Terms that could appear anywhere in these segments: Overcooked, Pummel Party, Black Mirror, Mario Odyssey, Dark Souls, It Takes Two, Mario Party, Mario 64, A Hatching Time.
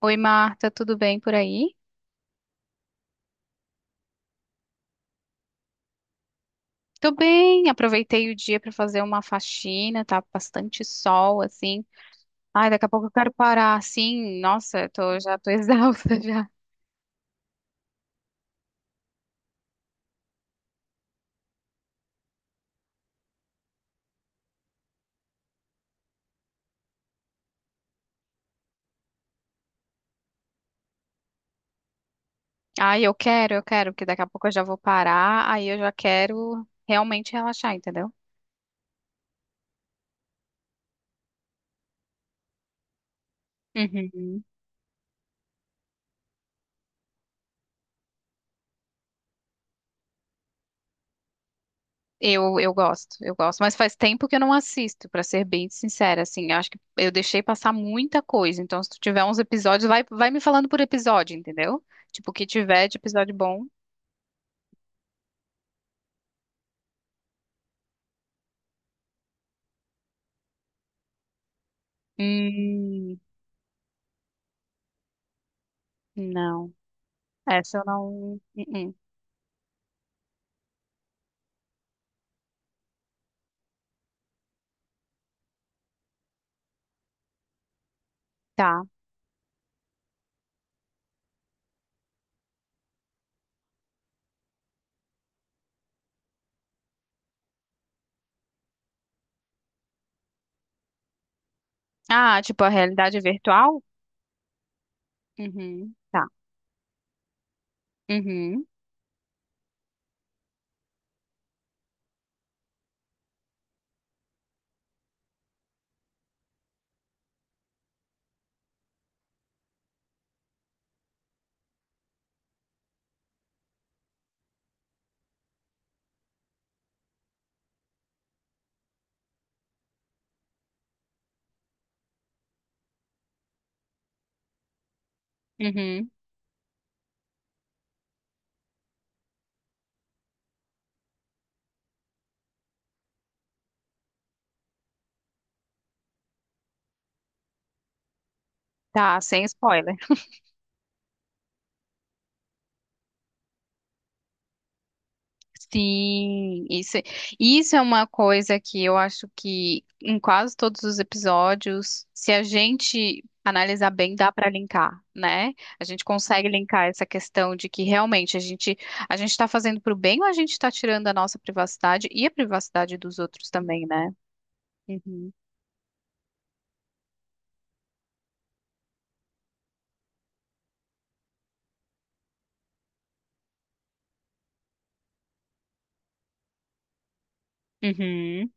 Oi, Marta, tudo bem por aí? Tô bem, aproveitei o dia pra fazer uma faxina, tá bastante sol assim. Ai, daqui a pouco eu quero parar, assim. Nossa, já tô exausta já. Ai, eu quero, porque daqui a pouco eu já vou parar, aí eu já quero realmente relaxar, entendeu? Uhum. Eu gosto, eu gosto, mas faz tempo que eu não assisto, pra ser bem sincera, assim, eu acho que eu deixei passar muita coisa, então se tu tiver uns episódios, vai me falando por episódio, entendeu? Tipo, o que tiver de episódio bom. Hum, não. Essa eu não. Uh. Tá. Ah, tipo a realidade virtual? Uhum. Tá. Uhum. Uhum. Tá, sem spoiler. Sim, isso é uma coisa que eu acho que em quase todos os episódios, se a gente analisar bem, dá para linkar, né? A gente consegue linkar essa questão de que realmente a gente está fazendo para o bem ou a gente está tirando a nossa privacidade e a privacidade dos outros também, né? Uhum. Uhum.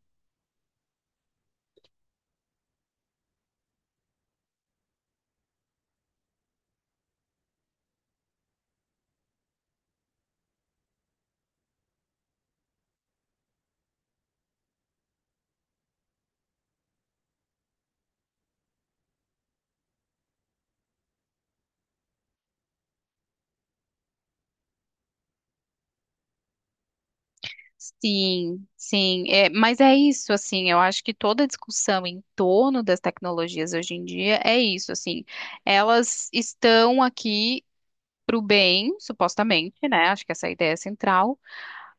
Sim, sim. É, mas é isso, assim, eu acho que toda a discussão em torno das tecnologias hoje em dia é isso, assim. Elas estão aqui para o bem, supostamente, né? Acho que essa é a ideia central.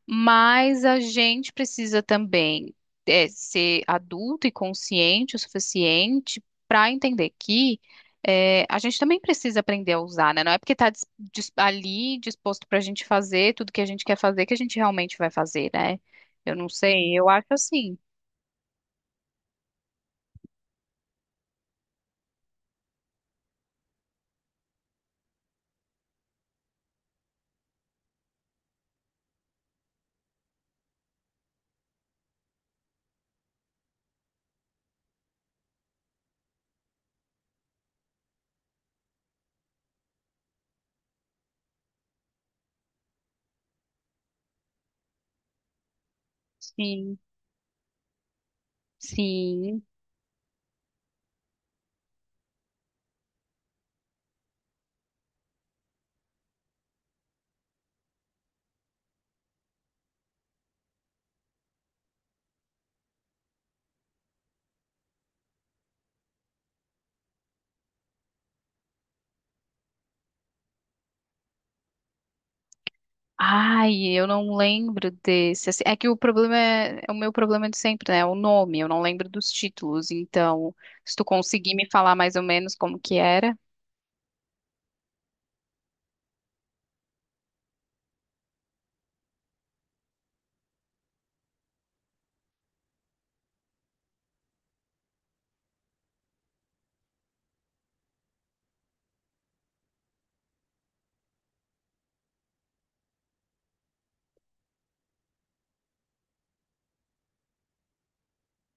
Mas a gente precisa também é, ser adulto e consciente o suficiente para entender que é, a gente também precisa aprender a usar, né? Não é porque está ali disposto para a gente fazer tudo que a gente quer fazer que a gente realmente vai fazer, né? Eu não sei, eu acho assim. Sim, sim. Ai, eu não lembro desse. Assim, é que o problema é, é o meu problema de sempre, né? É o nome, eu não lembro dos títulos. Então, se tu conseguir me falar mais ou menos como que era.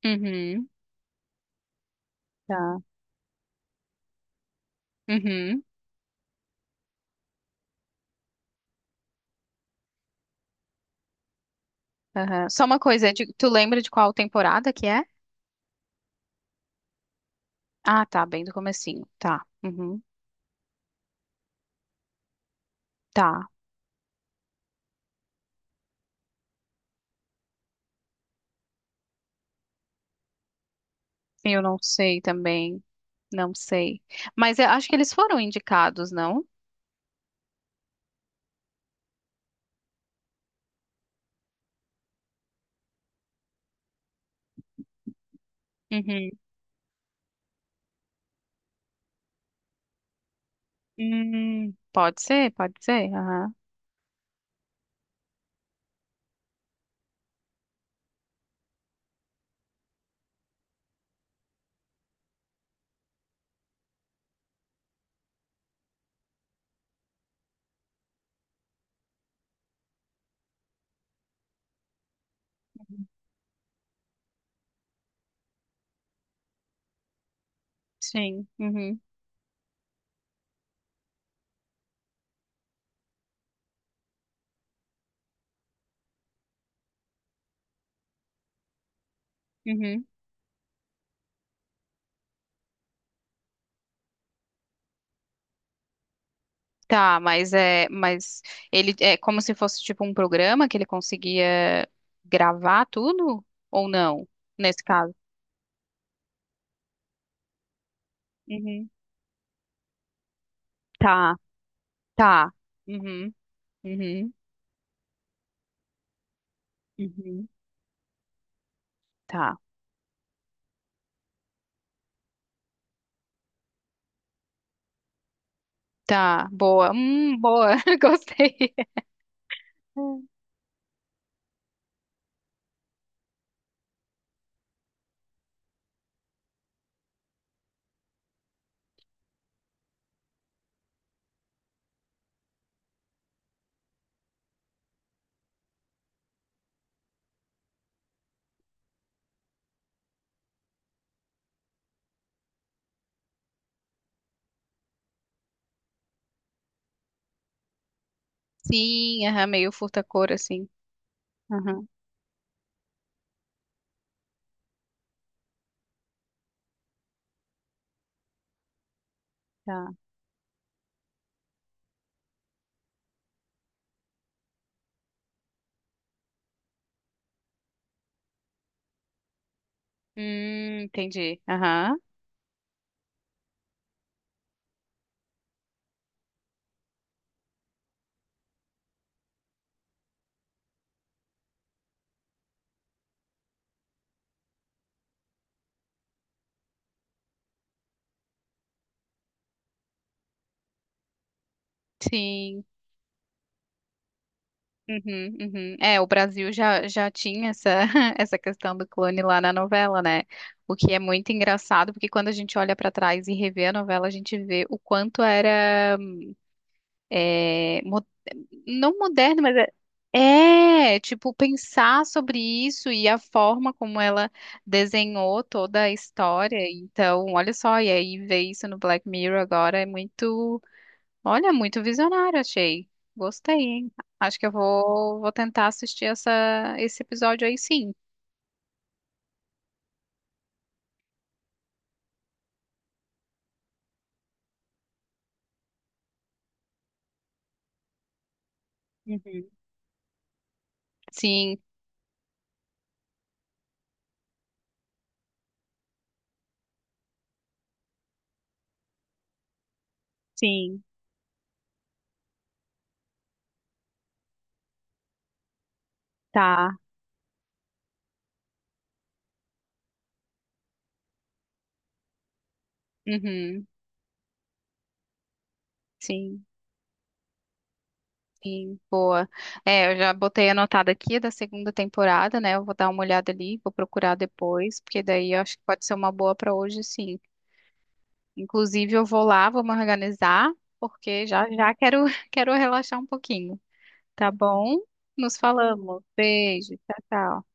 Uhum, tá. Uhum, aham. Só uma coisa, é de- tu lembra de qual temporada que é? Ah, tá, bem do comecinho. Tá. Uhum, tá. Eu não sei também. Não sei. Mas eu acho que eles foram indicados, não? Uhum. Pode ser, pode ser. Aham. Sim. Uhum. Uhum. Tá, mas é, mas ele é como se fosse tipo um programa que ele conseguia gravar tudo ou não, nesse caso? Uhum. Tá, tá. Uhum, uhum, uhum. Tá, tá. Boa. Boa. Gostei. Hum. Sim, aham, meio furta-cor assim. Aham, tá. Entendi. Aham. Sim. Uhum, uhum. É, o Brasil já tinha essa, essa questão do clone lá na novela, né? O que é muito engraçado, porque quando a gente olha pra trás e revê a novela, a gente vê o quanto era, é, mo- não moderno, mas é, é, tipo, pensar sobre isso e a forma como ela desenhou toda a história. Então, olha só, e aí ver isso no Black Mirror agora é muito. Olha, muito visionário, achei. Gostei, hein? Acho que eu vou, vou tentar assistir essa, esse episódio aí, sim. Uhum. Sim, sim, tá. Uhum. Sim, sim, boa. É, eu já botei anotado aqui da segunda temporada, né? Eu vou dar uma olhada ali, vou procurar depois, porque daí eu acho que pode ser uma boa pra hoje, sim. Inclusive, eu vou lá, vou me organizar, porque já já quero, quero relaxar um pouquinho. Tá bom? Nos falamos. Beijo, tchau, tchau.